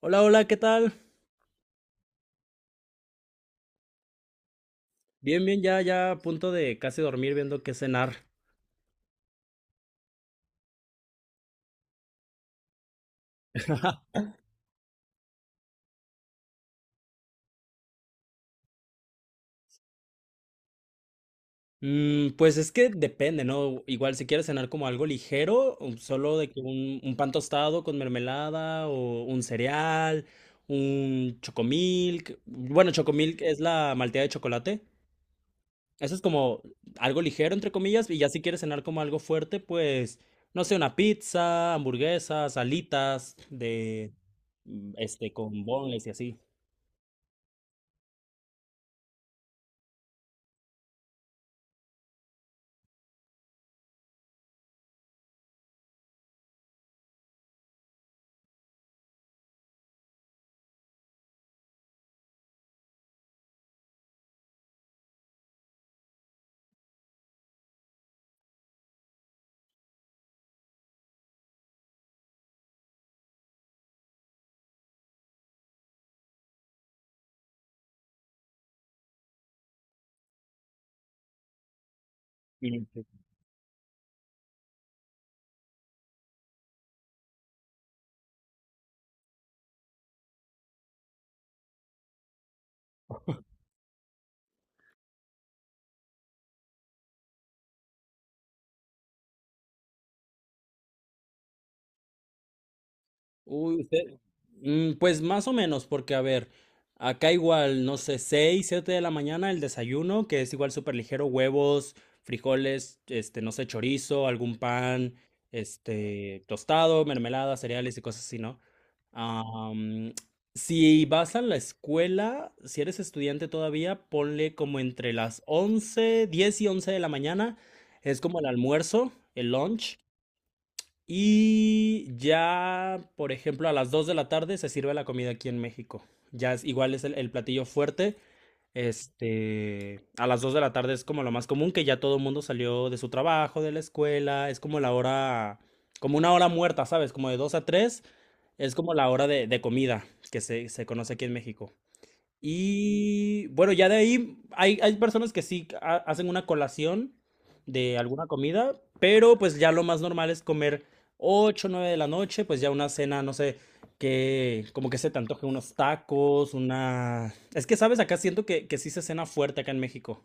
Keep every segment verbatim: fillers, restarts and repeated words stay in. Hola, hola, ¿qué tal? Bien, bien, ya, ya a punto de casi dormir viendo qué cenar. Mm, pues es que depende, ¿no? Igual si quieres cenar como algo ligero, o solo de que un, un pan tostado con mermelada o un cereal, un chocomilk. Bueno, chocomilk es la malteada de chocolate. Eso es como algo ligero, entre comillas, y ya si quieres cenar como algo fuerte, pues, no sé, una pizza, hamburguesas, alitas de, mm, este, con boneless y así. Uy, usted, mm, pues más o menos, porque a ver, acá igual, no sé, seis siete de la mañana el desayuno, que es igual súper ligero, huevos, frijoles, este, no sé, chorizo, algún pan, este, tostado, mermelada, cereales y cosas así, ¿no? Am, si vas a la escuela, si eres estudiante todavía, ponle como entre las once diez y once de la mañana, es como el almuerzo, el lunch. Y ya, por ejemplo, a las dos de la tarde se sirve la comida aquí en México. Ya es, igual es el, el platillo fuerte. Este, a las dos de la tarde es como lo más común, que ya todo el mundo salió de su trabajo, de la escuela. Es como la hora, como una hora muerta, ¿sabes? Como de dos a tres es como la hora de, de comida que se, se conoce aquí en México. Y bueno, ya de ahí hay, hay personas que sí ha- hacen una colación de alguna comida, pero pues ya lo más normal es comer ocho nueve de la noche, pues ya una cena, no sé, que como que se te antoje unos tacos, una... Es que, ¿sabes? Acá siento que, que sí se cena fuerte acá en México.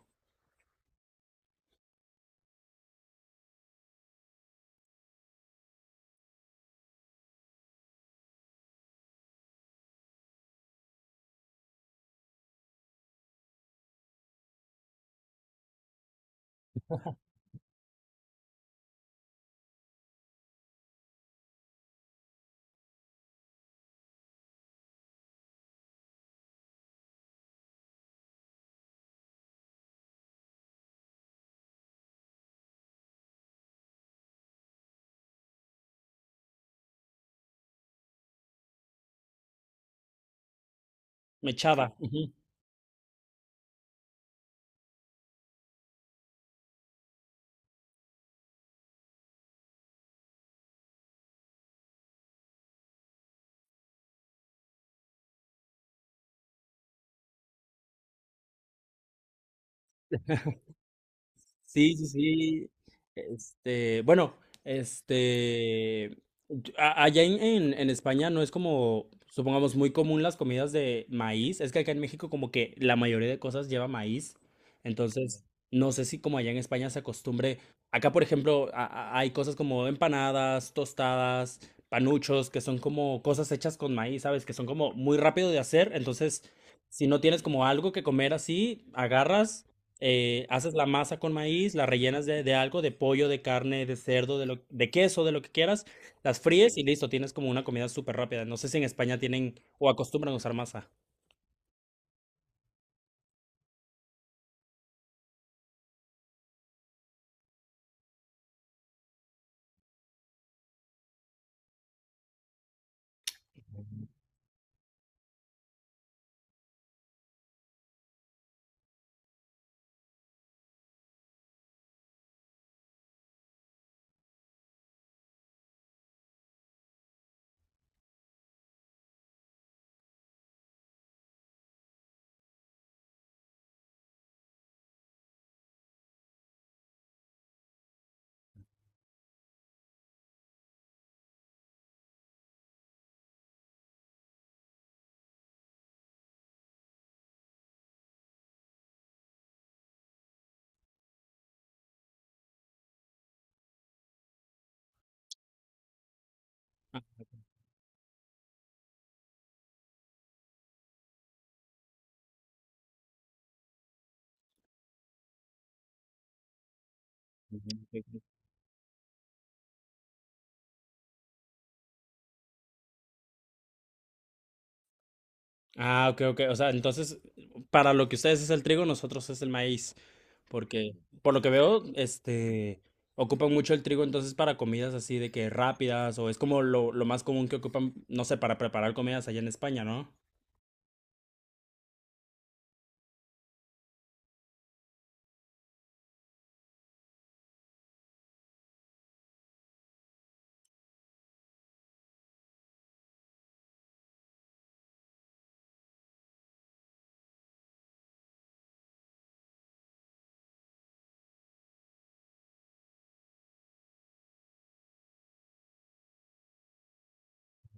Mechada. Sí, sí, sí. Este, bueno, este, yo- a- allá en, en- en España no es como, supongamos, muy común las comidas de maíz. Es que acá en México como que la mayoría de cosas lleva maíz. Entonces, no sé si como allá en España se acostumbre. Acá, por ejemplo, a- a- hay cosas como empanadas, tostadas, panuchos, que son como cosas hechas con maíz, ¿sabes? Que son como muy rápido de hacer. Entonces, si no tienes como algo que comer así, agarras eh, haces la masa con maíz, la rellenas de, de algo, de pollo, de carne, de cerdo, de, lo, de queso, de lo que quieras, las fríes y listo, tienes como una comida súper rápida. No sé si en España tienen o acostumbran a usar masa. Ujú, sí, sí. Ah, ok, ok. O sea, entonces, para lo que ustedes es el trigo, nosotros es el maíz. Porque, por lo que veo, este, ocupan mucho el trigo entonces para comidas así de que rápidas o es como lo, lo más común que ocupan, no sé, para preparar comidas allá en España, ¿no?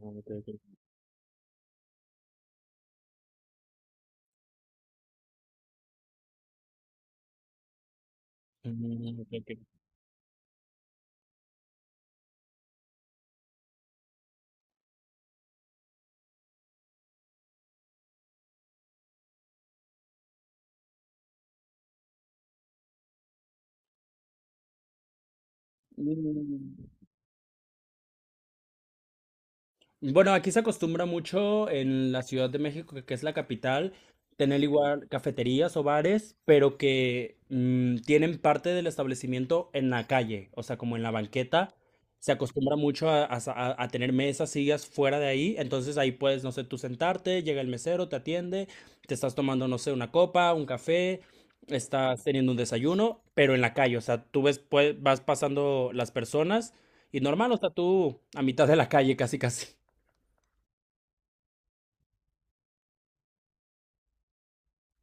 Ah, ok, ok. Mm, Ok, ok. mm. Bueno, aquí se acostumbra mucho en la Ciudad de México, que es la capital, tener igual cafeterías o bares, pero que mm, tienen parte del establecimiento en la calle, o sea, como en la banqueta. Se acostumbra mucho a, a sa- a- a tener mesas, sillas fuera de ahí, entonces ahí puedes, no sé, tú sentarte, llega el mesero, te atiende, te estás tomando, no sé, una copa, un café, estás teniendo un desayuno, pero en la calle, o sea, tú ves, pues, vas pasando las personas y normal, o sea, tú a mitad de la calle casi casi.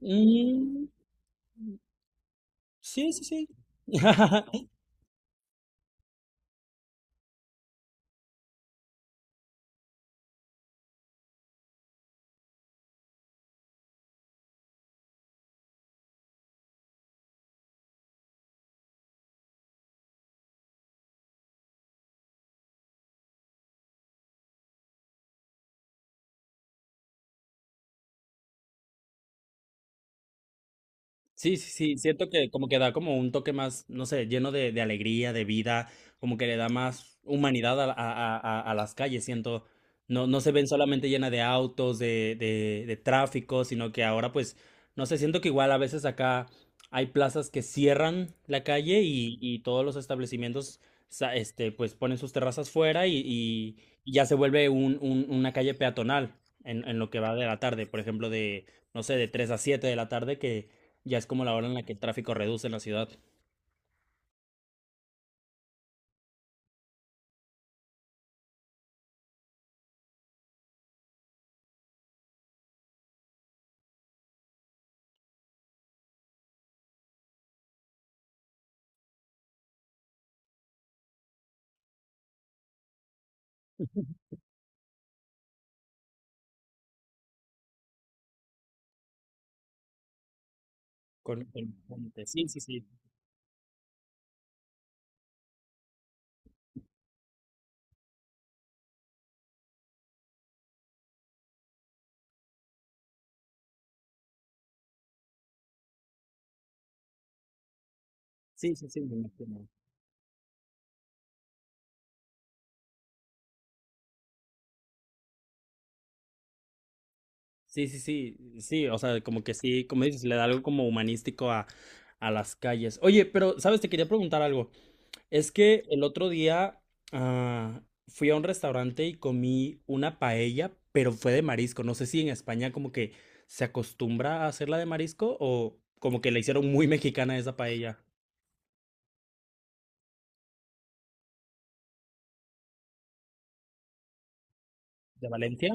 Mm, sí, sí, sí. Sí, sí, sí, siento que como que da como un toque más, no sé, lleno de, de alegría, de vida, como que le da más humanidad a, a- a- a las calles, siento, no, no se ven solamente llena de autos, de, de, de tráfico, sino que ahora pues, no sé, siento que igual a veces acá hay plazas que cierran la calle y, y todos los establecimientos, sa- este, pues ponen sus terrazas fuera y, y- y ya se vuelve un, un- una calle peatonal en, en lo que va de la tarde, por ejemplo, de, no sé, de tres a siete de la tarde que ya es como la hora en la que el tráfico reduce en la ciudad. Con, con- con- sí, sí, sí. Sí, sí, sí, me imagino. Sí, sí, sí. Sí, o sea, como que sí, como dices, le da algo como humanístico a, a las calles. Oye, pero, ¿sabes? Te quería preguntar algo. Es que el otro día ah, fui a un restaurante y comí una paella, pero fue de marisco. No sé si en España como que se acostumbra a hacerla de marisco o como que la hicieron muy mexicana esa paella. ¿De Valencia?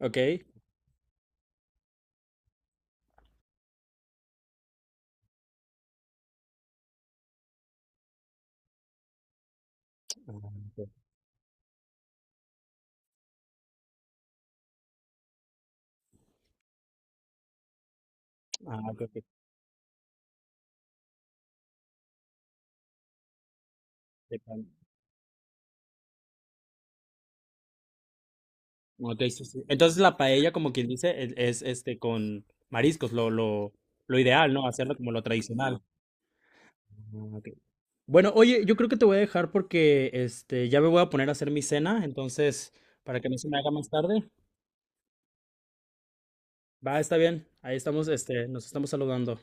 Ok. Ah, ok. Ah, ok, ok. Ok, sí, sí. Entonces la paella, como quien dice, es, es, este con mariscos, lo, lo, lo ideal, ¿no? Hacerlo como lo tradicional. Ah, ok. Bueno, oye, yo creo que te voy a dejar porque este ya me voy a poner a hacer mi cena, entonces, para que no se me haga más tarde. Va, está bien. Ahí estamos, este, nos estamos saludando.